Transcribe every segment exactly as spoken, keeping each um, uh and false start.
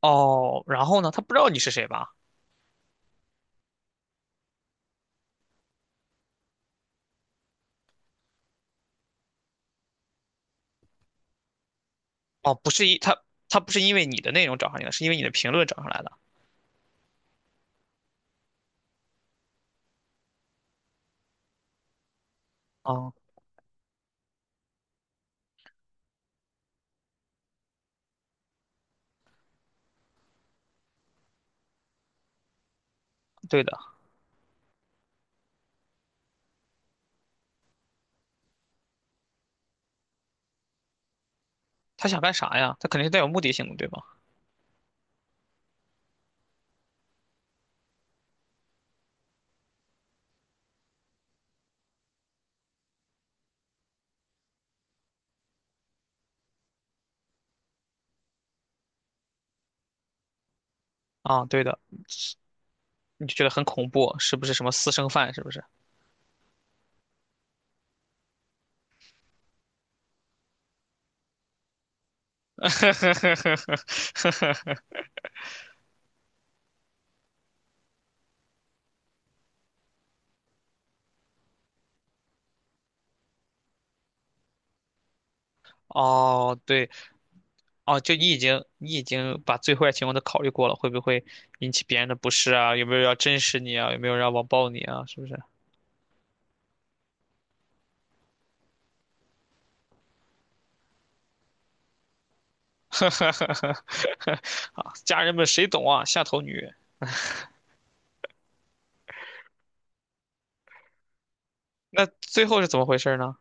哦，然后呢，他不知道你是谁吧？哦，不是一他他不是因为你的内容找上你的，是因为你的评论找上来的。哦，对的，他想干啥呀？他肯定是带有目的性的，对吧？啊，对的，你就觉得很恐怖，是不是什么私生饭？是不是？哦，对，哦，就你已经你已经把最坏情况都考虑过了，会不会引起别人的不适啊？有没有人要真实你啊？有没有让要网暴你啊？是不是？啊，家人们谁懂啊？下头女。那最后是怎么回事呢？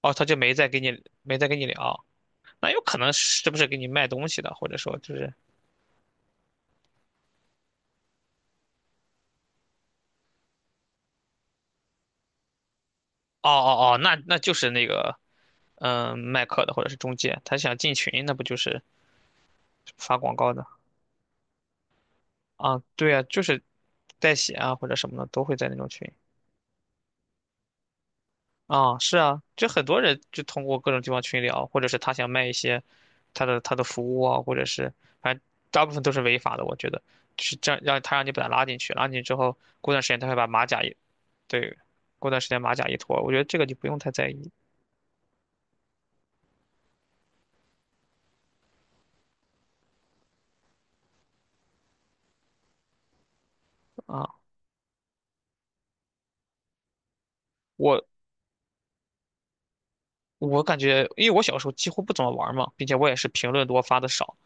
哦，他就没再跟你没再跟你聊，那有可能是不是给你卖东西的，或者说就是哦哦哦，那那就是那个嗯卖课的或者是中介，他想进群，那不就是发广告的啊？对啊，就是代写啊或者什么的都会在那种群啊，是啊，就很多人就通过各种地方群聊，或者是他想卖一些他的他的服务啊，或者是反正大部分都是违法的，我觉得。就是这样，让他让你把他拉进去，拉进去之后，过段时间他会把马甲对，过段时间马甲一脱，我觉得这个就不用太在意啊。我我感觉，因为我小时候几乎不怎么玩嘛，并且我也是评论多发的少，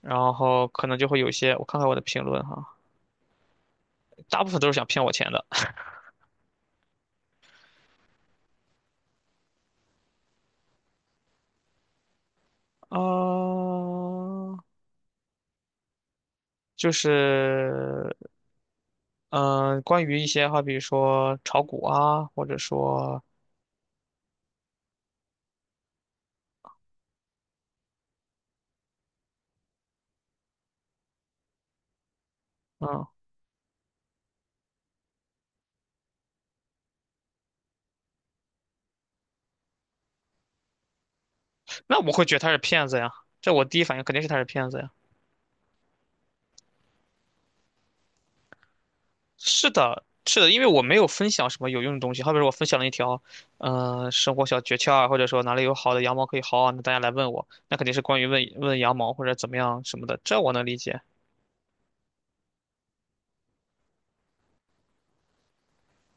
然后可能就会有一些，我看看我的评论哈，大部分都是想骗我钱的。啊，就是嗯、呃关于一些好比如说炒股啊，或者说嗯，那我会觉得他是骗子呀，这我第一反应肯定是他是骗子呀。是的，是的，因为我没有分享什么有用的东西，好比说我分享了一条，嗯，生活小诀窍啊，或者说哪里有好的羊毛可以薅啊，那大家来问我，那肯定是关于问问羊毛或者怎么样什么的，这我能理解。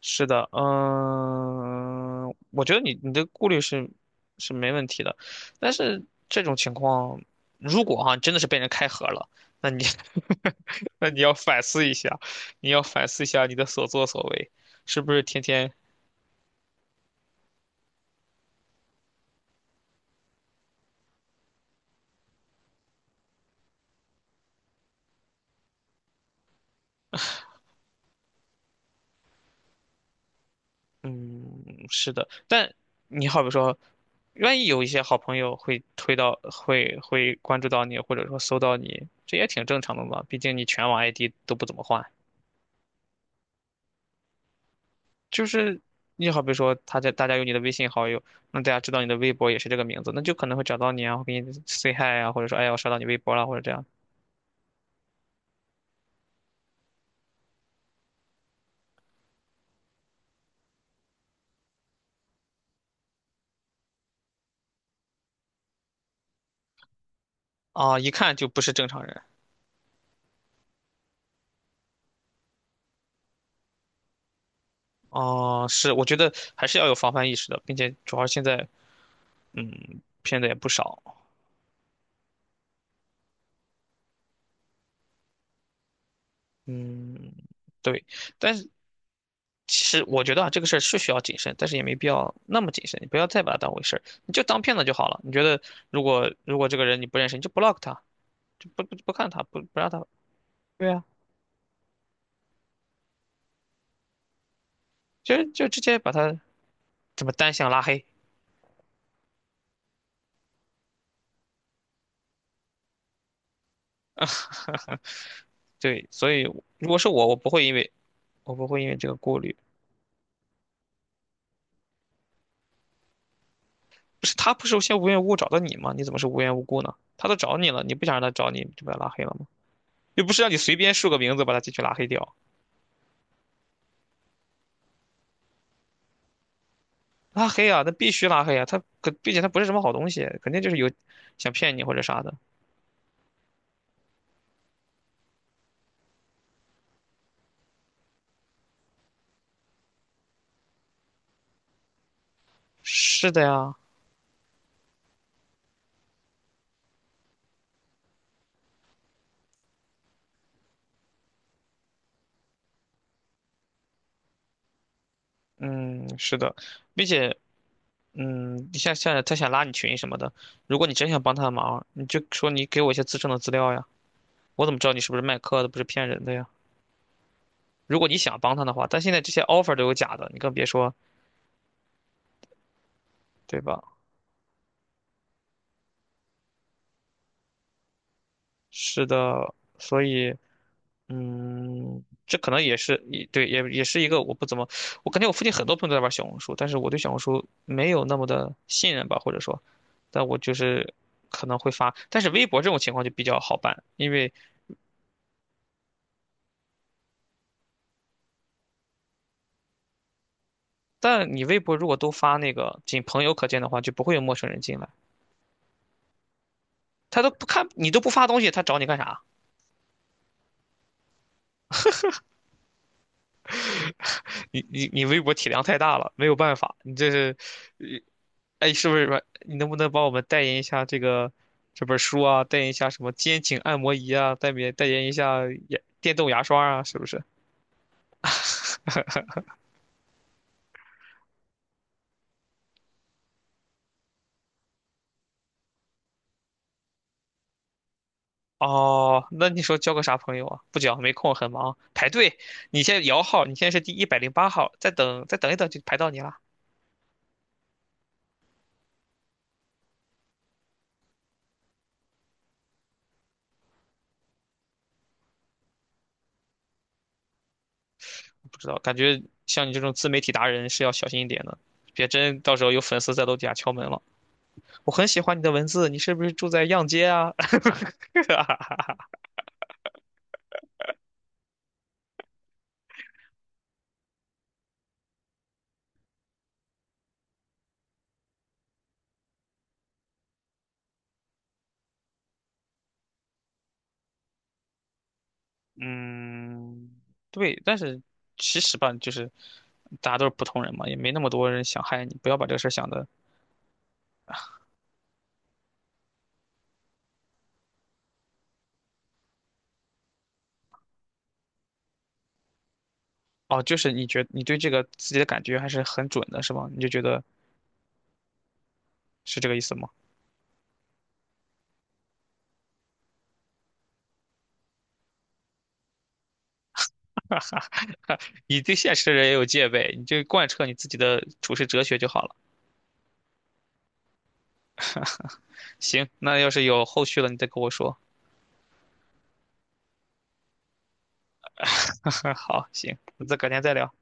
是的，嗯，我觉得你你的顾虑是是没问题的，但是这种情况，如果哈、真的是被人开盒了，那你 那你要反思一下，你要反思一下你的所作所为，是不是天天嗯，是的，但你好比说，万一有一些好朋友会推到，会会关注到你，或者说搜到你，这也挺正常的嘛。毕竟你全网 I D 都不怎么换，就是你好比说，他在大家有你的微信好友，那大家知道你的微博也是这个名字，那就可能会找到你啊，会给你 say hi 啊，或者说哎呀我刷到你微博了，或者这样啊，一看就不是正常人。哦，是，我觉得还是要有防范意识的，并且主要现在，嗯，骗子也不少，嗯，对。但是其实我觉得啊，这个事儿是需要谨慎，但是也没必要那么谨慎。你不要再把它当回事儿，你就当骗子就好了。你觉得如果如果这个人你不认识，你就 block 他，就不不不看他，不不让他。对啊，就就直接把他怎么单向拉黑。对，所以如果是我，我不会因为我不会因为这个顾虑。不是他不是先无缘无故找到你吗？你怎么是无缘无故呢？他都找你了，你不想让他找你，就把他拉黑了吗？又不是让你随便输个名字把他进去拉黑掉。拉黑啊，那必须拉黑啊！他可，并且他不是什么好东西，肯定就是有想骗你或者啥的。是的呀，嗯，是的，并且，嗯，你像像他想拉你群什么的，如果你真想帮他的忙，你就说你给我一些自证的资料呀，我怎么知道你是不是卖课的，不是骗人的呀？如果你想帮他的话，但现在这些 offer 都有假的，你更别说，对吧？是的，所以。嗯，这可能也是也对，也也是一个我不怎么，我感觉我附近很多朋友都在玩小红书，但是我对小红书没有那么的信任吧，或者说，但我就是可能会发，但是微博这种情况就比较好办，因为但你微博如果都发那个仅朋友可见的话，就不会有陌生人进来，他都不看你都不发东西，他找你干啥？你你你微博体量太大了，没有办法，你这是。哎，是不是吧？你能不能帮我们代言一下这个这本书啊？代言一下什么肩颈按摩仪啊？代言代言一下牙电动牙刷啊？是不是？哦，那你说交个啥朋友啊？不交，没空，很忙，排队。你现在摇号，你现在是第一百零八号，再等再等一等就排到你了。不知道，感觉像你这种自媒体达人是要小心一点的，别真到时候有粉丝在楼底下敲门了。我很喜欢你的文字，你是不是住在样街啊？嗯，对，但是其实吧，就是大家都是普通人嘛，也没那么多人想害你，不要把这个事儿想的。哦，就是你觉你对这个自己的感觉还是很准的，是吗？你就觉得是这个意思吗？你对现实的人也有戒备，你就贯彻你自己的处世哲学就好了。行，那要是有后续了，你再跟我说。好，行，那再改天再聊。